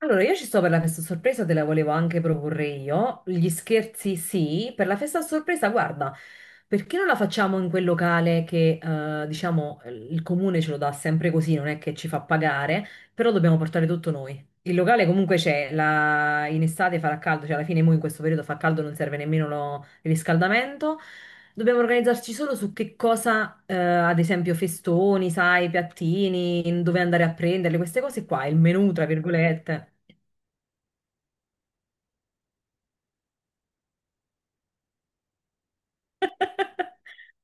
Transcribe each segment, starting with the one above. Allora, io ci sto per la festa a sorpresa, te la volevo anche proporre io. Gli scherzi sì, per la festa a sorpresa, guarda, perché non la facciamo in quel locale che, diciamo, il comune ce lo dà sempre così, non è che ci fa pagare, però dobbiamo portare tutto noi. Il locale comunque c'è, in estate farà caldo, cioè alla fine mo in questo periodo fa caldo, non serve nemmeno il riscaldamento. Dobbiamo organizzarci solo su che cosa, ad esempio festoni, sai, piattini, dove andare a prenderle, queste cose qua, il menù, tra virgolette.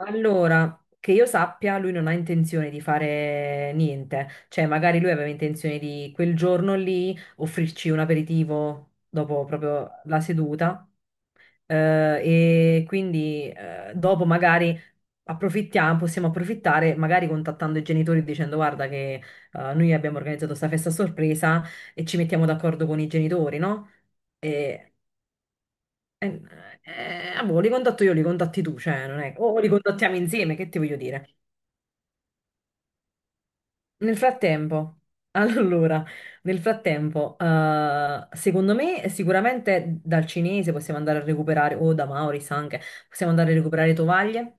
Allora, che io sappia, lui non ha intenzione di fare niente, cioè magari lui aveva intenzione di quel giorno lì offrirci un aperitivo dopo proprio la seduta eh, e quindi dopo magari approfittiamo, possiamo approfittare magari contattando i genitori e dicendo guarda che noi abbiamo organizzato questa festa a sorpresa e ci mettiamo d'accordo con i genitori, no? E Eh, boh, li contatto io, li contatti tu, cioè, non è... O li contattiamo insieme, che ti voglio dire? Nel frattempo, allora, nel frattempo, secondo me sicuramente dal cinese possiamo andare a recuperare, o da Maurice anche, possiamo andare a recuperare tovaglie,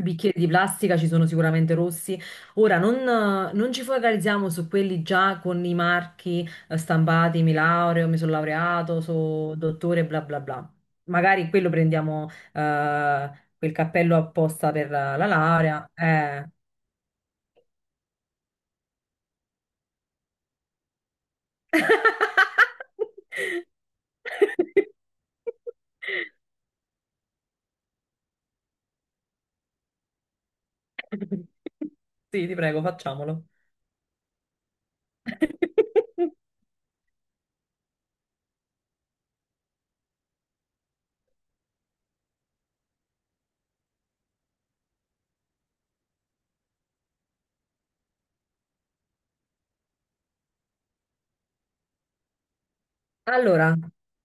bicchieri di plastica, ci sono sicuramente rossi. Ora, non ci focalizziamo su quelli già con i marchi stampati, mi laureo, mi sono laureato, sono dottore, bla bla bla. Magari quello prendiamo, eh, quel cappello apposta per la laurea. Sì, ti prego, facciamolo. Allora,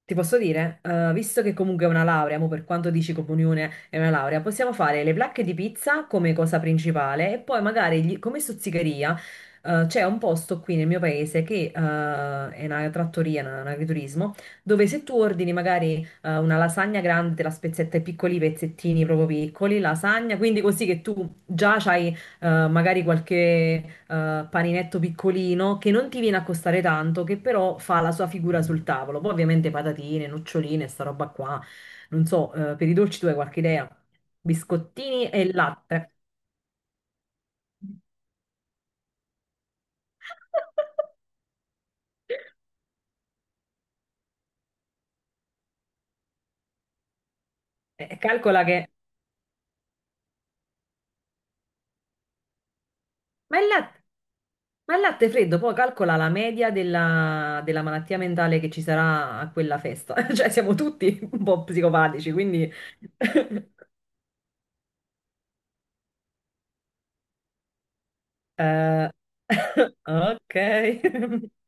ti posso dire, visto che comunque è una laurea, mo per quanto dici comunione è una laurea, possiamo fare le placche di pizza come cosa principale e poi magari come stuzzicheria, c'è un posto qui nel mio paese che è una trattoria, un agriturismo, dove se tu ordini magari una lasagna grande, te la spezzetta in piccoli pezzettini proprio piccoli, lasagna, quindi così che tu già hai magari qualche paninetto piccolino che non ti viene a costare tanto, che però fa la sua figura sul tavolo. Poi ovviamente patatine, noccioline, sta roba qua. Non so, per i dolci tu hai qualche idea? Biscottini e latte. Calcola che... Ma il latte, ma il latte freddo, poi calcola la media della malattia mentale che ci sarà a quella festa. Cioè siamo tutti un po' psicopatici, quindi... eh, ok.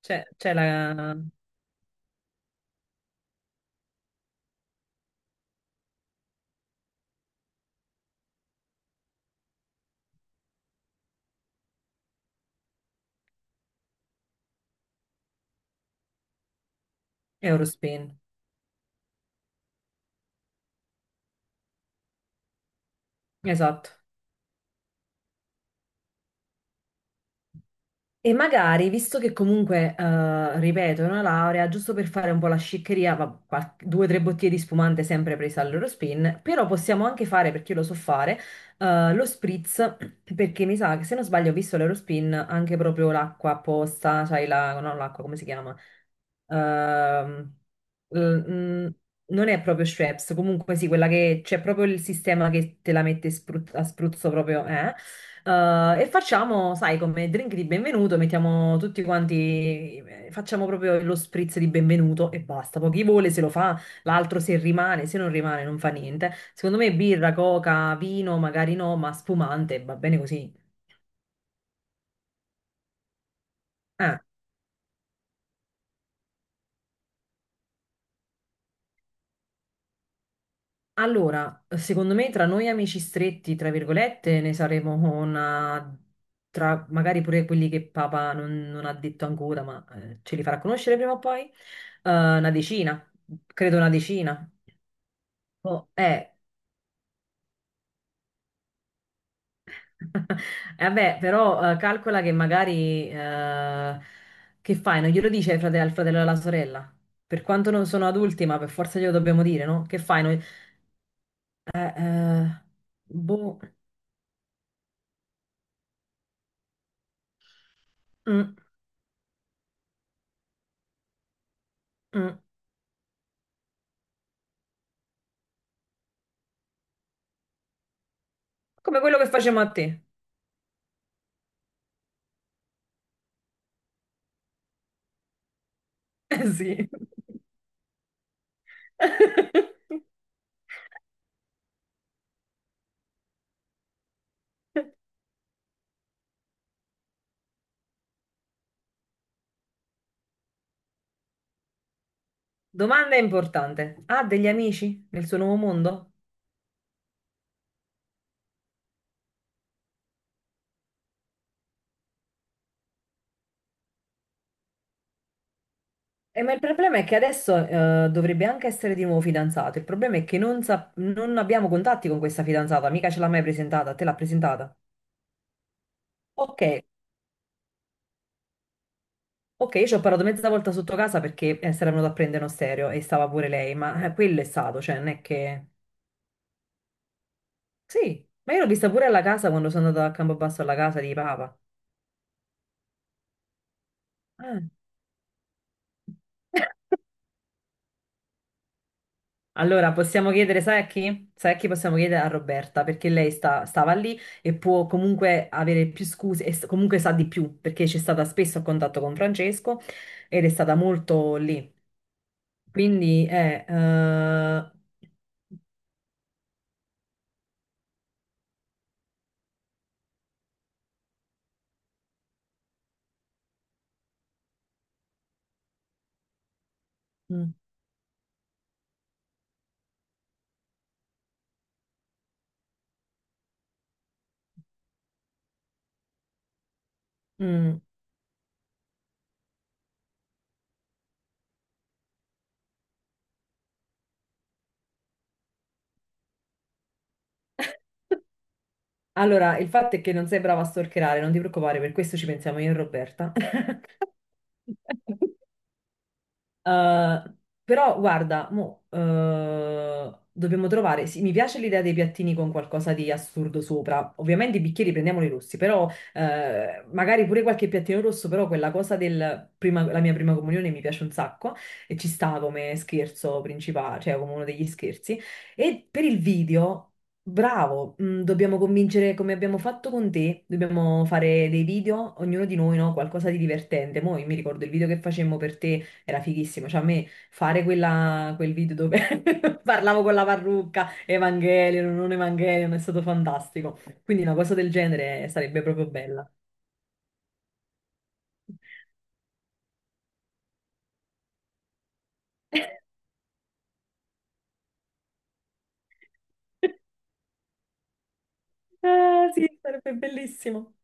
C'è c'è la Eurospin, esatto. E magari, visto che comunque, ripeto, è una laurea, giusto per fare un po' la sciccheria, due o tre bottiglie di spumante sempre presa all'Eurospin, però possiamo anche fare, perché io lo so fare, lo spritz, perché mi sa che se non sbaglio ho visto l'Eurospin anche proprio l'acqua apposta, sai la, no, l'acqua, come si chiama? Ehm, l- mm, non è proprio Schweppes, comunque sì, quella che c'è proprio il sistema che te la mette a spruzzo proprio, eh? E facciamo, sai, come drink di benvenuto, mettiamo tutti quanti, facciamo proprio lo spritz di benvenuto e basta. Poi chi vuole se lo fa, l'altro se rimane, se non rimane non fa niente. Secondo me birra, coca, vino, magari no, ma spumante, va bene così. Eh, allora, secondo me tra noi amici stretti, tra virgolette, ne saremo una... tra magari pure quelli che papà non ha detto ancora, ma ce li farà conoscere prima o poi, una decina, credo una decina. Oh, eh. Vabbè, però calcola che magari che fai? Non glielo dice ai al fratello e alla sorella? Per quanto non sono adulti, ma per forza glielo dobbiamo dire, no? Che fai? Eh, eh, boh, mm, mm. Come quello che facciamo a te. Eh sì. Domanda importante. Ha degli amici nel suo nuovo mondo? Ma il problema è che adesso dovrebbe anche essere di nuovo fidanzato. Il problema è che non abbiamo contatti con questa fidanzata, mica ce l'ha mai presentata, te l'ha presentata. Ok, ok, io ci ho parlato mezza volta sotto casa perché si era venuto a prendere uno stereo e stava pure lei, ma quello è stato, cioè non è che... Sì, ma io l'ho vista pure alla casa quando sono andata a Campobasso alla casa di Papa. Ah. Allora, possiamo chiedere, sai a chi? Sai a chi possiamo chiedere? A Roberta, perché lei stava lì e può comunque avere più scuse e comunque sa di più, perché c'è stata spesso a contatto con Francesco ed è stata molto lì. Quindi, mm, mm. Allora, il fatto è che non sei brava a storcherare, non ti preoccupare, per questo ci pensiamo io e Roberta. Eh, però guarda, mo, dobbiamo trovare. Sì, mi piace l'idea dei piattini con qualcosa di assurdo sopra. Ovviamente i bicchieri prendiamoli rossi, però magari pure qualche piattino rosso, però quella cosa del la mia prima comunione mi piace un sacco e ci sta come scherzo principale, cioè come uno degli scherzi. E per il video. Bravo, mm, dobbiamo convincere come abbiamo fatto con te, dobbiamo fare dei video, ognuno di noi, no? Qualcosa di divertente. Mo' io mi ricordo il video che facemmo per te era fighissimo, cioè a me fare quel video dove parlavo con la parrucca, Evangelion, non Evangelion, è stato fantastico. Quindi una cosa del genere sarebbe proprio bella. Ah, sì, sarebbe bellissimo.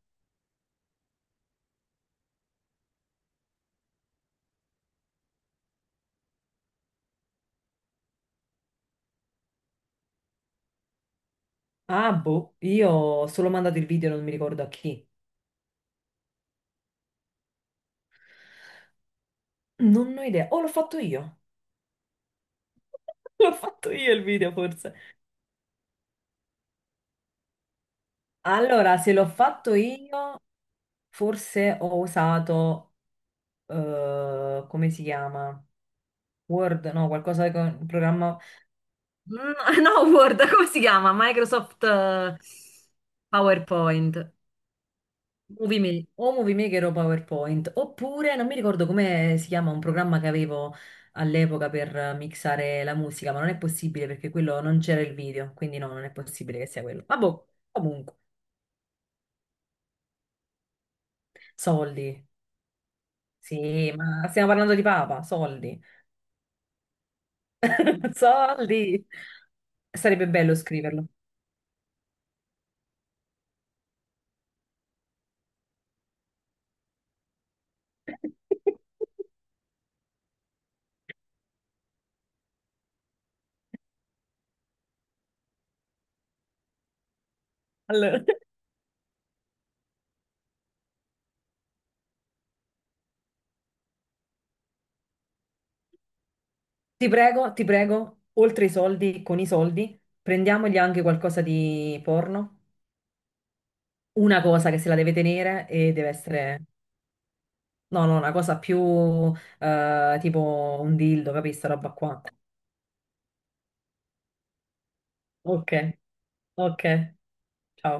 Ah, boh, io ho solo mandato il video, non mi ricordo a chi. Non ho idea. Oh, l'ho fatto io. L'ho fatto io il video, forse. Allora, se l'ho fatto io, forse ho usato, come si chiama? Word, no, qualcosa con un programma. Mm, no, Word, come si chiama? Microsoft PowerPoint. O Movie Maker o PowerPoint. Oppure, non mi ricordo come si chiama un programma che avevo all'epoca per mixare la musica, ma non è possibile perché quello non c'era il video, quindi no, non è possibile che sia quello. Ma boh, comunque, soldi. Sì, ma stiamo parlando di Papa, soldi. Soldi. Sarebbe bello scriverlo. Allora. Ti prego, oltre i soldi, con i soldi, prendiamogli anche qualcosa di porno, una cosa che se la deve tenere e deve essere, no, no, una cosa più tipo un dildo, capisci, sta roba qua. Ok, ok, ciao.